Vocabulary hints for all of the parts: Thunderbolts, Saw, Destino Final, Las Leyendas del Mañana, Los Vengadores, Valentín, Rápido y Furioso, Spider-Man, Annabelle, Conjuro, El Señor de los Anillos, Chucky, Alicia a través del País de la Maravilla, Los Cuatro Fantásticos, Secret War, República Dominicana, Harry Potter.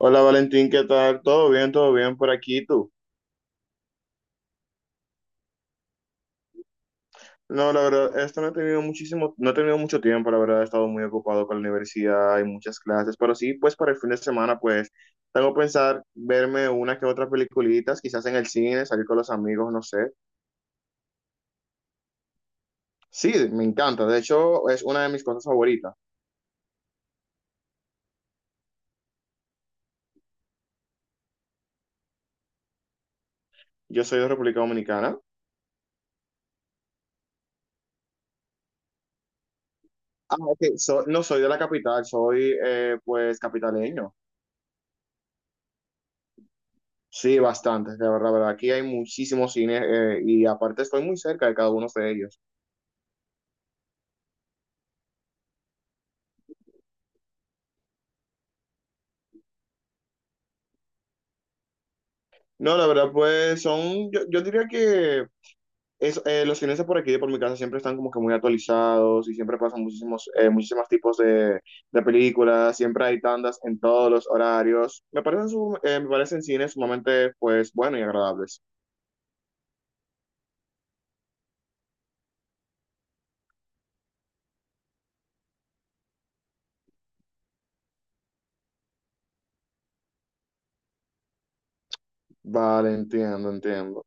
Hola Valentín, ¿qué tal? ¿Todo bien? ¿Todo bien por aquí? ¿Y ¿Tú? No, la verdad, esto no he tenido muchísimo, no he tenido mucho tiempo, la verdad, he estado muy ocupado con la universidad y muchas clases, pero sí, pues para el fin de semana, pues tengo que pensar verme una que otra peliculitas, quizás en el cine, salir con los amigos, no sé. Sí, me encanta, de hecho, es una de mis cosas favoritas. Yo soy de República Dominicana. Ah, ok, no soy de la capital, soy pues capitaleño. Sí, bastantes, la verdad, verdad. Aquí hay muchísimos cines y aparte estoy muy cerca de cada uno de ellos. No, la verdad, pues son, yo diría que los cines de por aquí, de por mi casa, siempre están como que muy actualizados y siempre pasan muchísimos, muchísimos tipos de películas, siempre hay tandas en todos los horarios. Me parecen, me parecen cines sumamente, pues, bueno y agradables. Vale, entiendo, entiendo.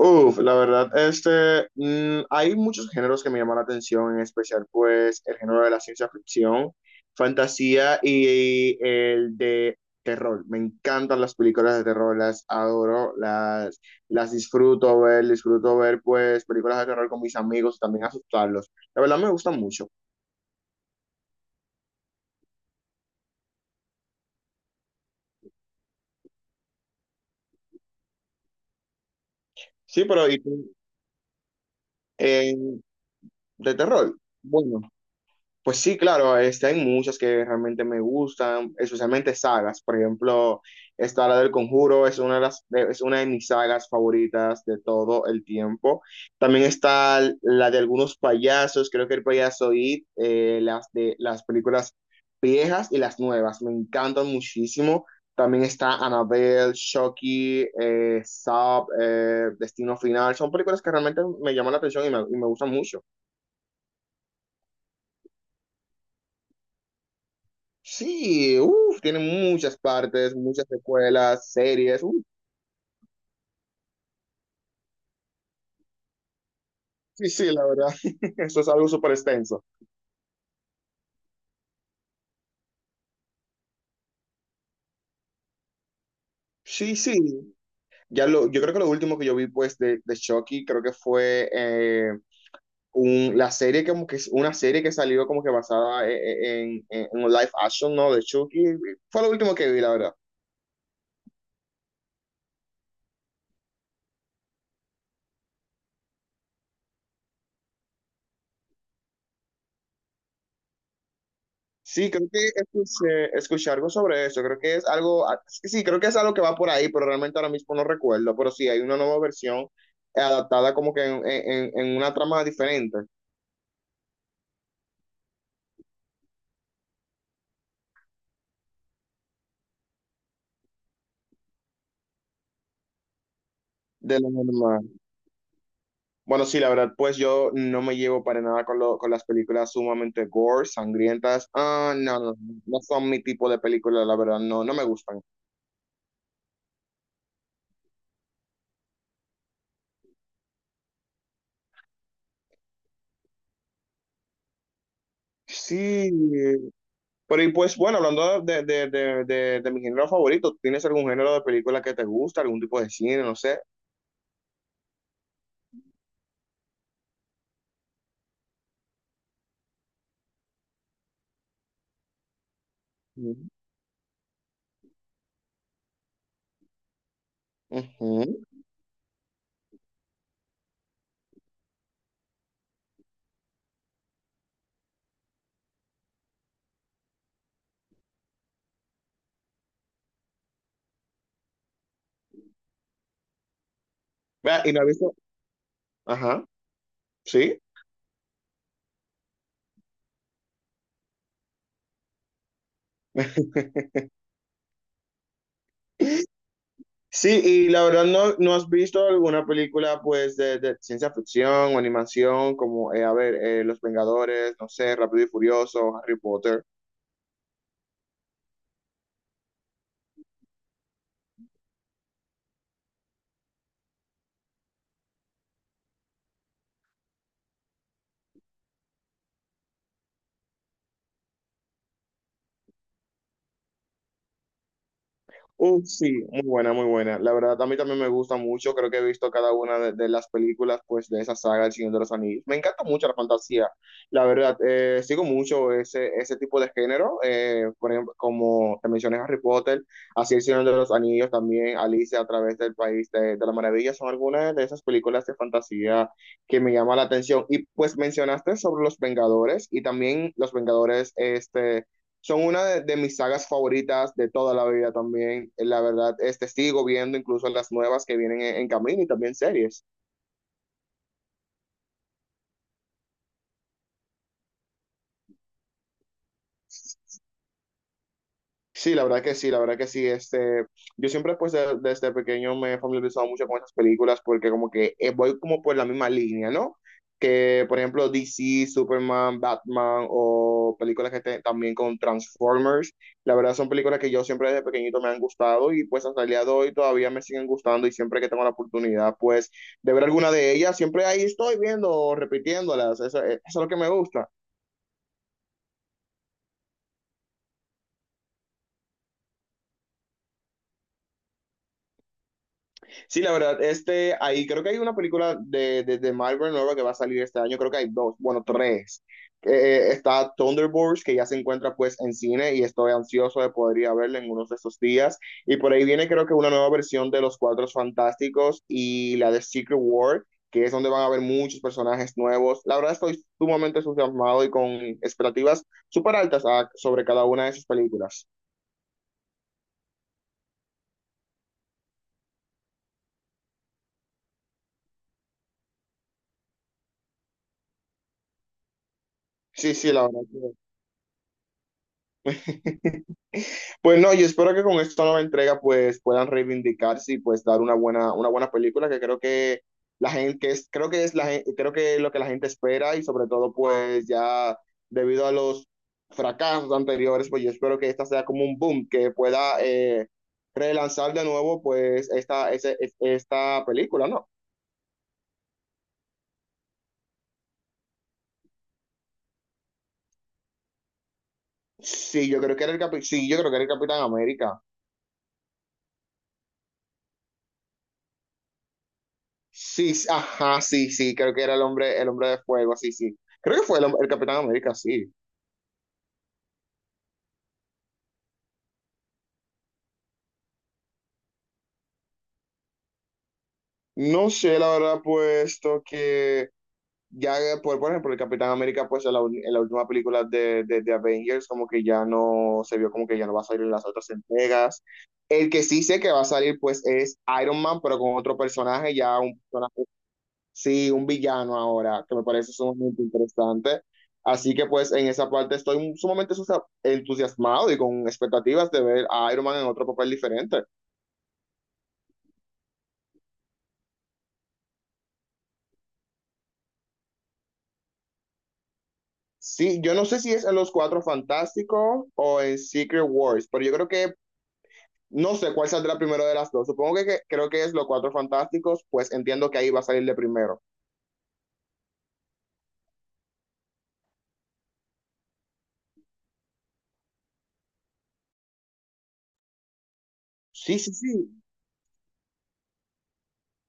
Uf, la verdad, este, hay muchos géneros que me llaman la atención, en especial pues el género de la ciencia ficción, fantasía y, el de terror. Me encantan las películas de terror, las adoro, las disfruto ver pues películas de terror con mis amigos y también asustarlos. La verdad me gustan mucho. Sí, pero ¿y tú? Eh, de terror. Bueno. Pues sí, claro, este, hay muchas que realmente me gustan, especialmente sagas. Por ejemplo, esta la del Conjuro es una de es una de mis sagas favoritas de todo el tiempo. También está la de algunos payasos, creo que el payaso It, las de las películas viejas y las nuevas, me encantan muchísimo. También está Annabelle, Chucky, Saw, Destino Final. Son películas que realmente me llaman la atención y me gustan mucho. Sí, uff, tiene muchas partes, muchas secuelas, series. Uf, sí, sí, la verdad. Eso es algo súper extenso. Sí, sí. Yo creo que lo último que yo vi, pues, de Chucky, creo que fue la serie, como que es una serie que salió como que basada en un live action, ¿no? De Chucky. Fue lo último que vi, la verdad. Sí, creo que escuché, escuché algo sobre eso. Creo que es algo, sí, creo que es algo que va por ahí, pero realmente ahora mismo no recuerdo. Pero sí, hay una nueva versión adaptada como que en una trama diferente de lo normal. Bueno, sí, la verdad, pues yo no me llevo para nada con las películas sumamente gore, sangrientas. Ah, no, no, no son mi tipo de películas, la verdad, no, no me gustan. Sí, pero y pues bueno, hablando de mi género favorito, ¿tienes algún género de película que te gusta, algún tipo de cine, no sé? Ujú. Ujú. Vea, y no has visto, ajá, sí. Sí, y la verdad no, no has visto alguna película pues de ciencia ficción o animación como, a ver, Los Vengadores, no sé, Rápido y Furioso, Harry Potter. Uf, sí, muy buena, muy buena. La verdad, a mí también me gusta mucho. Creo que he visto cada una de las películas pues, de esa saga, El Señor de los Anillos. Me encanta mucho la fantasía. La verdad, sigo mucho ese tipo de género. Por ejemplo, como te mencioné, Harry Potter, así El Señor de los Anillos, también Alicia a través del País de la Maravilla. Son algunas de esas películas de fantasía que me llama la atención. Y pues mencionaste sobre los Vengadores y también los Vengadores este, son una de mis sagas favoritas de toda la vida también. La verdad, este sigo viendo incluso las nuevas que vienen en camino y también series. Sí, la verdad que sí, la verdad que sí. Este, yo siempre pues desde pequeño me he familiarizado mucho con esas películas porque como que voy como por la misma línea, ¿no? Que por ejemplo DC, Superman, Batman o películas también con Transformers, la verdad son películas que yo siempre desde pequeñito me han gustado y pues hasta el día de hoy todavía me siguen gustando y siempre que tengo la oportunidad pues de ver alguna de ellas, siempre ahí estoy viendo, repitiéndolas, eso es lo que me gusta. Sí, la verdad, este, ahí creo que hay una película de Marvel nueva que va a salir este año, creo que hay dos, bueno, tres. Está Thunderbolts, que ya se encuentra pues en cine y estoy ansioso de poder ir a verla en unos de estos días. Y por ahí viene creo que una nueva versión de Los Cuatro Fantásticos y la de Secret War, que es donde van a haber muchos personajes nuevos. La verdad estoy sumamente entusiasmado y con expectativas súper altas sobre cada una de sus películas. Sí, sí, la verdad. que- Pues no, yo espero que con esta nueva entrega pues puedan reivindicarse y pues dar una buena película que creo que la gente, creo que es creo que es lo que la gente espera y sobre todo pues ya debido a los fracasos anteriores, pues yo espero que esta sea como un boom, que pueda relanzar de nuevo pues esta película, ¿no? Sí, yo creo que era sí, yo creo que era el Capitán América. Sí, sí, ajá, sí, sí, creo que era el hombre de fuego, sí, sí. Creo que fue el Capitán América, sí. No sé, la verdad, puesto que ya, por ejemplo, el Capitán América, pues en en la última película de Avengers, como que ya no se vio como que ya no va a salir en las otras entregas. El que sí sé que va a salir, pues es Iron Man, pero con otro personaje, ya un personaje, sí, un villano ahora, que me parece sumamente interesante. Así que, pues, en esa parte estoy sumamente entusiasmado y con expectativas de ver a Iron Man en otro papel diferente. Sí, yo no sé si es en Los Cuatro Fantásticos o en Secret Wars, pero yo creo que no sé cuál saldrá primero de las dos. Supongo creo que es Los Cuatro Fantásticos, pues entiendo que ahí va a salir de primero. Sí, sí, sí.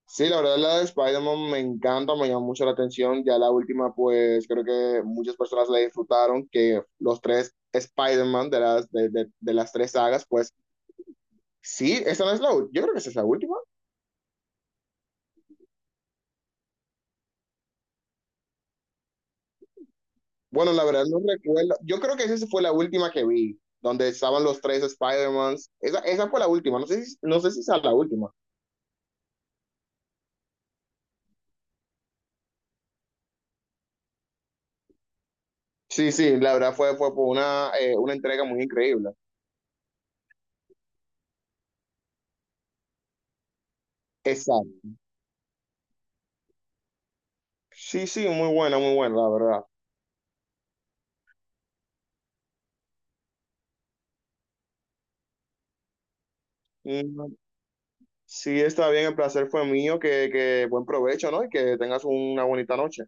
Sí, la verdad la de Spider-Man me encanta, me llama mucho la atención. Ya la última, pues creo que muchas personas la disfrutaron, que los tres Spider-Man de de las tres sagas, pues sí, esa no es la última. Yo creo que esa es la última. Bueno, la verdad no recuerdo. Yo creo que esa sí fue la última que vi, donde estaban los tres Spider-Mans. Esa fue la última, no sé si, no sé si esa es la última. Sí, sí, la verdad fue, fue por una entrega muy increíble. Exacto. Sí, sí, muy buena, la verdad. Mm, sí, está bien, el placer fue mío, que buen provecho, ¿no? Y que tengas una bonita noche.